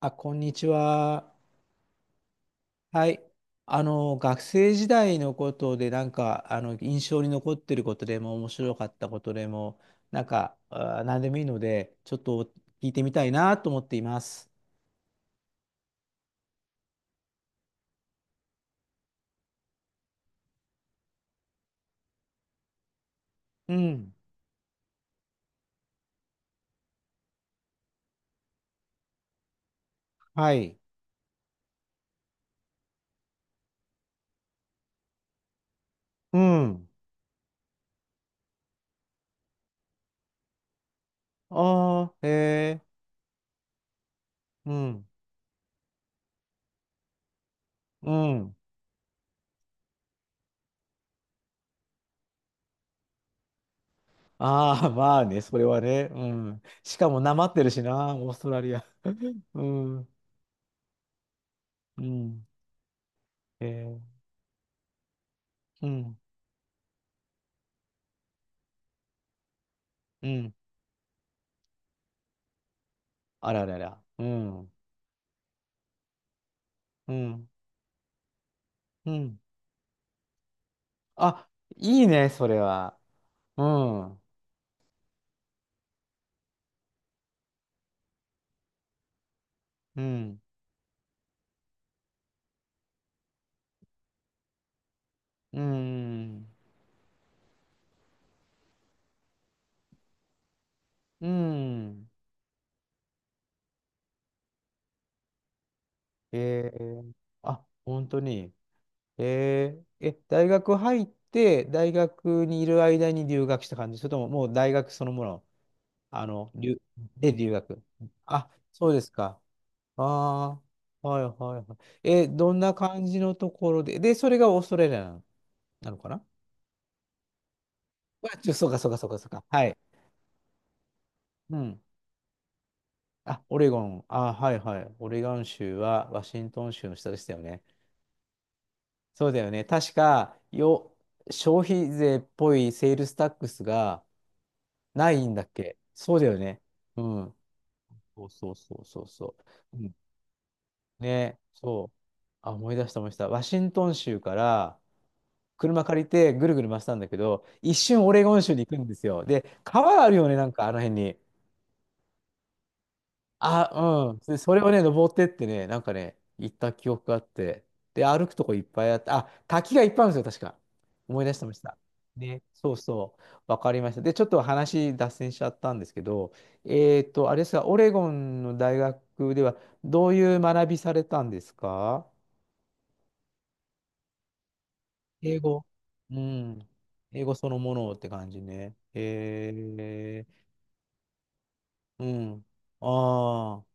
あ、こんにちは。はい。学生時代のことで、なんか、印象に残ってることでも、面白かったことでも、なんか、何でもいいので、ちょっと聞いてみたいなと思っています。うん。はい。うん。ああ、へえ。うん。うん。ああ、まあね、それはね。うん。しかも、なまってるしな、オーストラリア。うん。うん。へえ。うん。うん。あららら。うん。うん。うん。あ、いいね、それは。うん。うん。うん。うん。えー、あ、本当に。大学入って、大学にいる間に留学した感じ、それとももう大学そのもの、あの、留、で留学。あ、そうですか。ああ、はいはいはい。どんな感じのところで、で、それがオーストラリアなのかな？あ、そうかそうかそうかそうか。はい。うん。あ、オレゴン。あ、はいはい。オレゴン州はワシントン州の下でしたよね。そうだよね。確か、消費税っぽいセールスタックスがないんだっけ？そうだよね。うん。そうそうそうそうそう。うん、ね、そう。あ、思い出した思い出した。ワシントン州から車借りてぐるぐる回したんだけど、一瞬オレゴン州に行くんですよ。で、川あるよね、なんかあの辺に。あ、うん。で、それをね、登ってってね、なんかね、行った記憶があって、で、歩くとこいっぱいあって、あ、滝がいっぱいあるんですよ、確か。思い出してました。ね、そうそう、わかりました。で、ちょっと話脱線しちゃったんですけど、あれですが、オレゴンの大学では、どういう学びされたんですか？英語。うん。英語そのものって感じね。へえ、うん。ああ。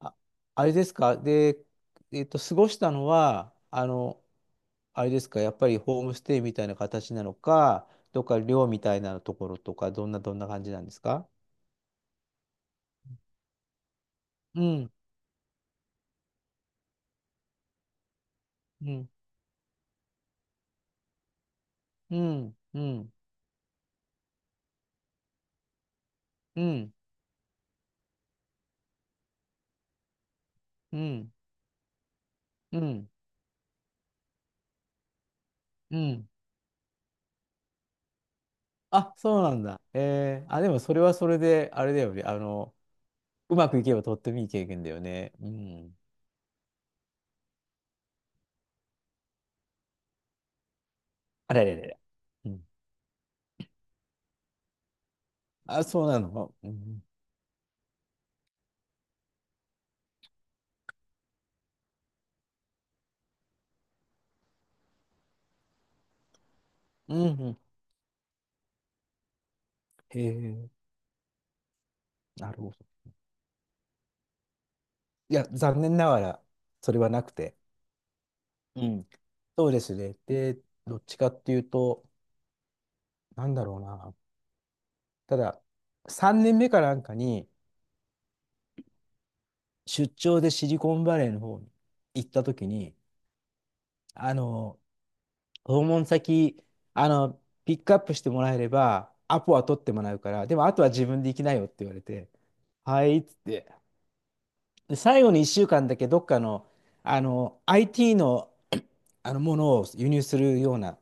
あ、あれですか、で、過ごしたのは、あれですか、やっぱりホームステイみたいな形なのか、どっか寮みたいなところとか、どんな感じなんですか？うん、うん、うん、うん、うん、うん、うん、うん。あ、そうなんだ。あ、でもそれはそれで、あれだよね。うまくいけばとってもいい経験だよね。うん。あれれれれ。うん。あ、そうなの。うん。うん。うん、へえ、なるほど。いや、残念ながら、それはなくて。うん。そうですね。で、どっちかっていうと、なんだろうな。ただ、3年目かなんかに、出張でシリコンバレーの方に行った時に、あの、訪問先、あの、ピックアップしてもらえれば、アポは取ってもらうから、でもあとは自分で行きなよって言われて、はいっつって。で、最後に1週間だけどっかの、IT の、あのものを輸入するような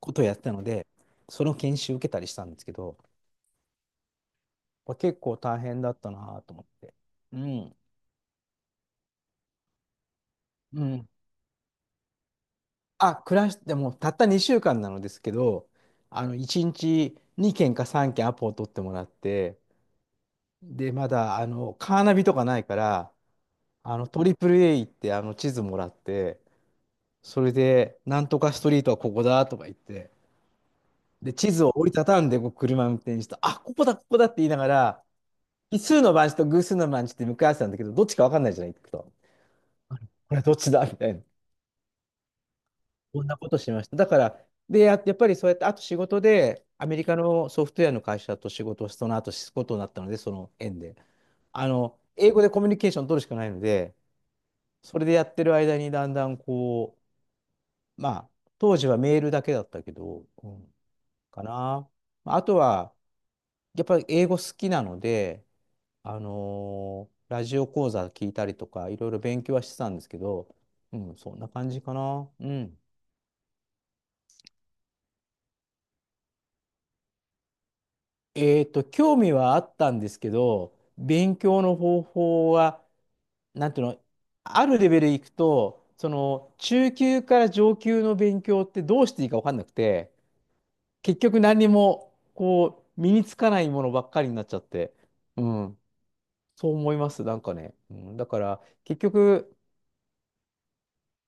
ことをやってたので、その研修受けたりしたんですけど、これ結構大変だったなと思って。うん。うん。あ、暮らしてもうたった2週間なのですけど、1日2件か3件アポを取ってもらって、で、まだ、カーナビとかないから、トリプル A 行って、地図もらって、それで、なんとかストリートはここだとか言って、で、地図を折りたたんで、こう車運転して、あ、ここだ、ここだって言いながら、奇数の番地と偶数の番地って向かい合わせたんだけど、どっちか分かんないじゃない、行くと。これどっちだみたいな。こんなことしました。だから、で、やっぱりそうやって、あと仕事で、アメリカのソフトウェアの会社と仕事をその後することになったので、その縁で。英語でコミュニケーション取るしかないので、それでやってる間にだんだんこう、まあ、当時はメールだけだったけど、うん、かな。まああとは、やっぱり英語好きなので、ラジオ講座聞いたりとか、いろいろ勉強はしてたんですけど、うん、そんな感じかな。うん。興味はあったんですけど、勉強の方法は、なんていうの、あるレベルいくと、その、中級から上級の勉強ってどうしていいか分かんなくて、結局何にも、こう、身につかないものばっかりになっちゃって、うん、そう思います、なんかね。うん、だから、結局、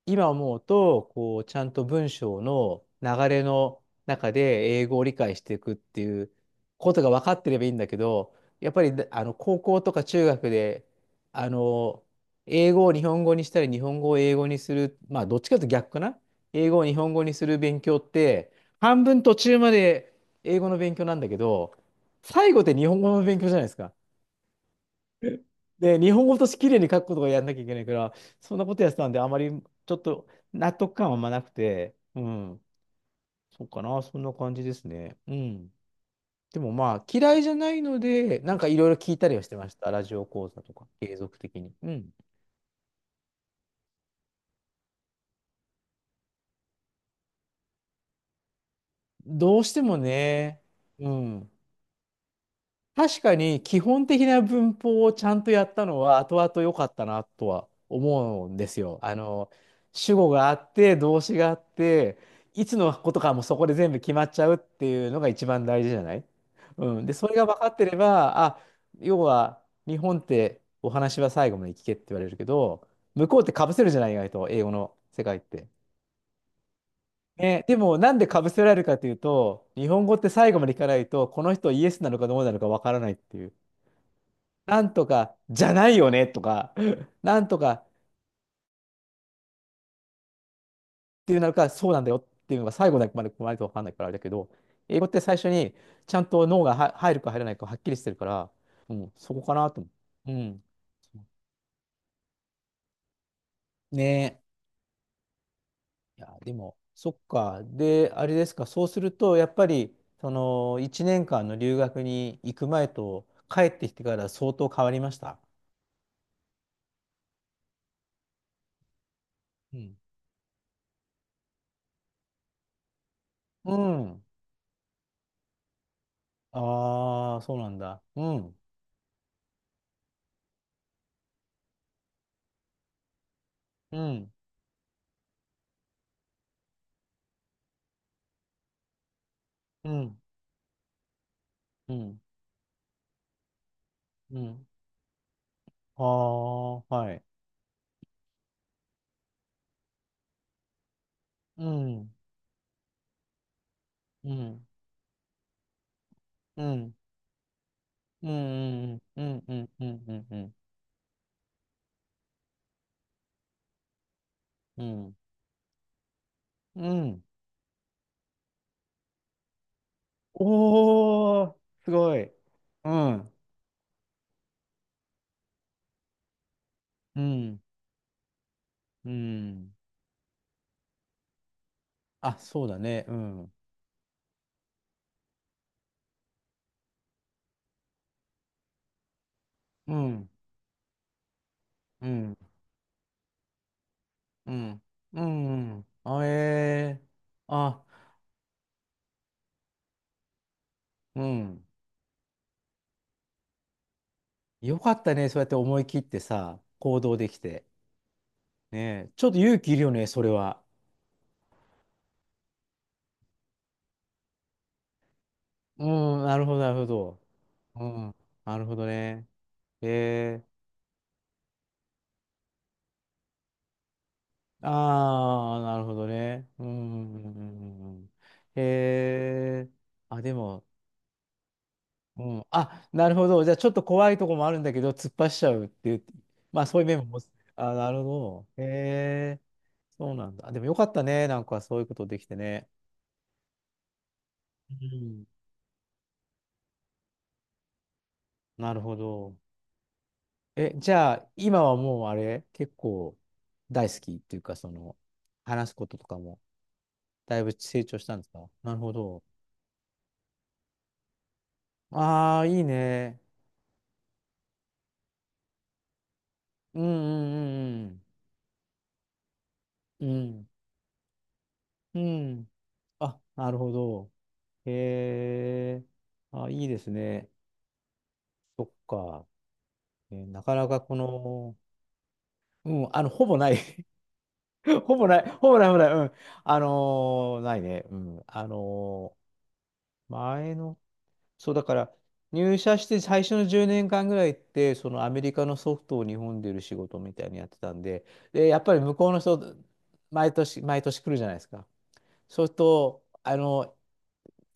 今思うと、こう、ちゃんと文章の流れの中で英語を理解していくっていうことが分かってればいいんだけど、やっぱり、高校とか中学で、あの、英語を日本語にしたり、日本語を英語にする、まあ、どっちかというと逆かな。英語を日本語にする勉強って、半分途中まで英語の勉強なんだけど、最後って日本語の勉強じゃないですか。で、日本語として綺麗に書くことがやんなきゃいけないから、そんなことやってたんで、あまりちょっと納得感はあんまなくて、うん、そうかな、そんな感じですね。うん。でもまあ、嫌いじゃないので、なんかいろいろ聞いたりはしてました。ラジオ講座とか、継続的に。うん。どうしてもね、うん。確かに基本的な文法をちゃんとやったのは後々良かったなとは思うんですよ。主語があって、動詞があって、いつのことかもそこで全部決まっちゃうっていうのが一番大事じゃない？うん。で、それが分かってれば、あ、要は日本ってお話は最後まで聞けって言われるけど、向こうって被せるじゃない？意外と英語の世界って。ね、でもなんで被せられるかというと、日本語って最後まで聞かないと、この人イエスなのかどうなのか分からないっていう。なんとかじゃないよねとか、なんとかっていうなるか、そうなんだよっていうのが最後まで来ないと分かんないからあれだけど、英語って最初にちゃんと脳がは入るか入らないかはっきりしてるから、うん、そこかなと思う。うん。ねえ。いや、でも、そっか。で、あれですか、そうすると、やっぱり、その、1年間の留学に行く前と帰ってきてから相当変わりました？うん。うん。ああ、そうなんだ。うん。うん。うん。うん。うん。ああ、はい。うん、うん、うん、うん、うん、うん、うん、うん、うん、うん、うん。うん、うん、おー、すごい。うん、うん、うん。あ、そうだね。うん、うん、うん、うん、うん。あ、えー、あ、うん。よかったね。そうやって思い切ってさ、行動できて。ねえ、ちょっと勇気いるよね、それは。うん、なるほど、なるほど。うん、なるほどね。へえ、ああー、なるほどね。うん、うん、うん、うん、うん、へえ、あ、でも、うん、あ、なるほど。じゃあ、ちょっと怖いとこもあるんだけど、突っ走っちゃうっていう、まあ、そういう面も持つ。あ、なるほど。へえ、そうなんだ。あ、でもよかったね。なんかそういうことできてね。うん。なるほど。え、じゃあ、今はもうあれ、結構大好きっていうか、その、話すこととかも。だいぶ成長したんですか。なるほど。ああ、いいね。うんうんうんうん。うん。うん。あ、なるほど。へえ。あ、いいですね。そっか。なかなかこの、うん、あの、ほぼない。ほぼない。ほぼない。ほぼない。うん。あのないね。うん。前の、そうだから入社して最初の10年間ぐらいって、そのアメリカのソフトを日本で売る仕事みたいにやってたんで、でやっぱり向こうの人、毎年毎年来るじゃないですか。そうするとあの、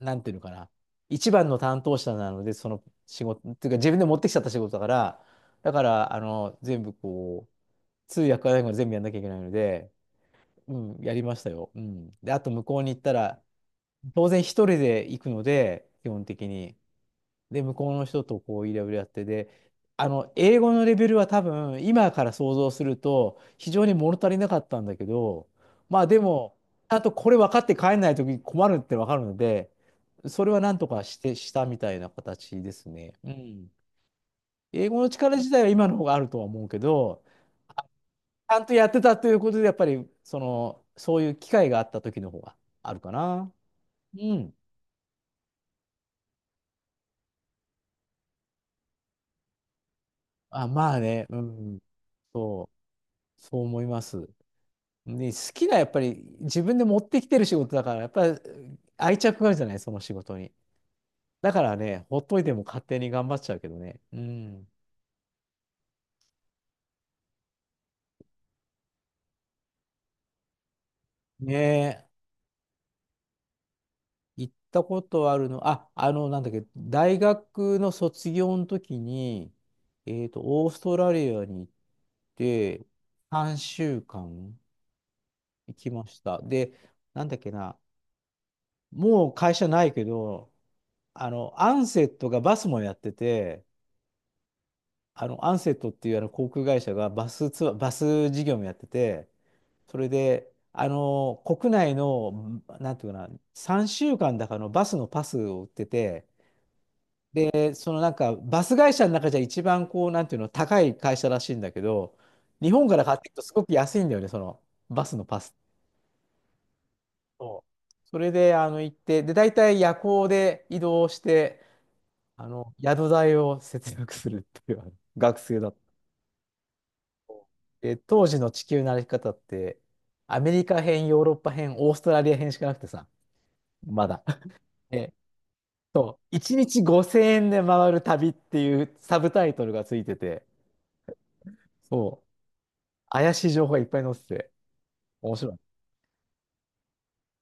なんていうのかな、一番の担当者なので、その仕事っていうか自分で持ってきちゃった仕事だから、だからあの、全部こう通訳からら全部やんなきゃいけないので、うん、やりましたよ。うん、であと向こうに行ったら、当然一人で行くので基本的に。で、向こうの人とこう、いろいろやってで、あの、英語のレベルは多分、今から想像すると、非常に物足りなかったんだけど、まあでも、ちゃんとこれ分かって帰んないときに困るって分かるので、それはなんとかして、したみたいな形ですね。うん。英語の力自体は今の方があるとは思うけど、あ、ちゃんとやってたということで、やっぱり、その、そういう機会があった時の方があるかな。うん。あ、まあね、うん。そう、そう思います。で、好きな、やっぱり自分で持ってきてる仕事だから、やっぱり愛着があるじゃない、その仕事に。だからね、ほっといても勝手に頑張っちゃうけどね。うん。ねえ、行ったことあるの、あ、あの、なんだっけ、大学の卒業の時に、オーストラリアに行って、3週間行きました。で、なんだっけな、もう会社ないけど、あの、アンセットがバスもやってて、あの、アンセットっていうあの航空会社がバスツアー、バス事業もやってて、それで、あの、国内の、なんていうかな、3週間だかのバスのパスを売ってて、でそのなんか、バス会社の中じゃ一番こう、なんていうの、高い会社らしいんだけど、日本から買っていくとすごく安いんだよね、そのバスのパス。そう、それで、あの、行って、で、大体夜行で移動して、あの、宿代を節約するっていう、あの、学生だった。で、当時の地球の歩き方って、アメリカ編、ヨーロッパ編、オーストラリア編しかなくてさ、まだ。え、そう、1日5000円で回る旅っていうサブタイトルがついてて、そう、怪しい情報がいっぱい載ってて、面白い。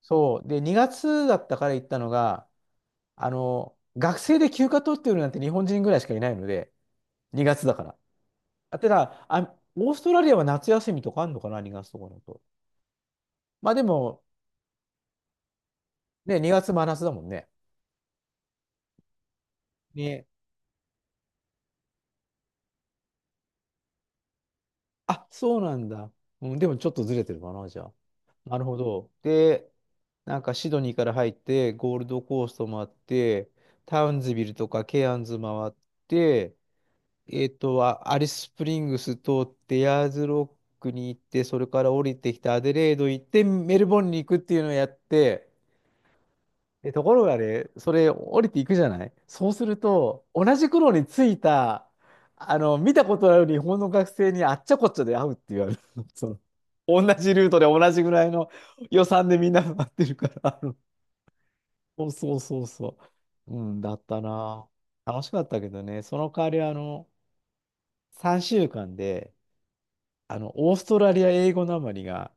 そう、で、2月だったから行ったのが、あの、学生で休暇取ってるなんて日本人ぐらいしかいないので、2月だから。あてだ、あ、オーストラリアは夏休みとかあんのかな、2月とかだと。まあでも、ね、2月真夏だもんね。に、あ、そうなんだ。うん、でもちょっとずれてるかな、じゃあ。なるほど。で、なんかシドニーから入って、ゴールドコースト回って、タウンズビルとかケアンズ回って、あ、アリススプリングス通って、ヤーズロックに行って、それから降りてきて、アデレード行って、メルボルンに行くっていうのをやって、で、ところがね、それ降りていくじゃない、そうすると、同じ頃に着いた、あの、見たことある日本の学生にあっちゃこっちゃで会うって言われる。その、同じルートで同じぐらいの予算でみんな待ってるから。あの、そうそうそうそう。うん、だったな。楽しかったけどね、その代わり、あの、3週間で、あの、オーストラリア英語なまりが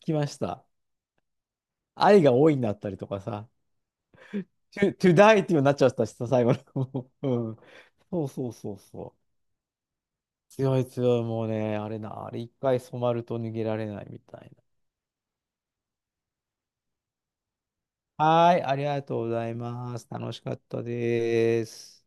つきました。愛が多いになったりとかさ、to, to die っていうようになっちゃったしさ、最後の。うん。そうそうそうそう。強い強い、もうね、あれな、あれ一回染まると逃げられないみたいな。はーい、ありがとうございます。楽しかったです。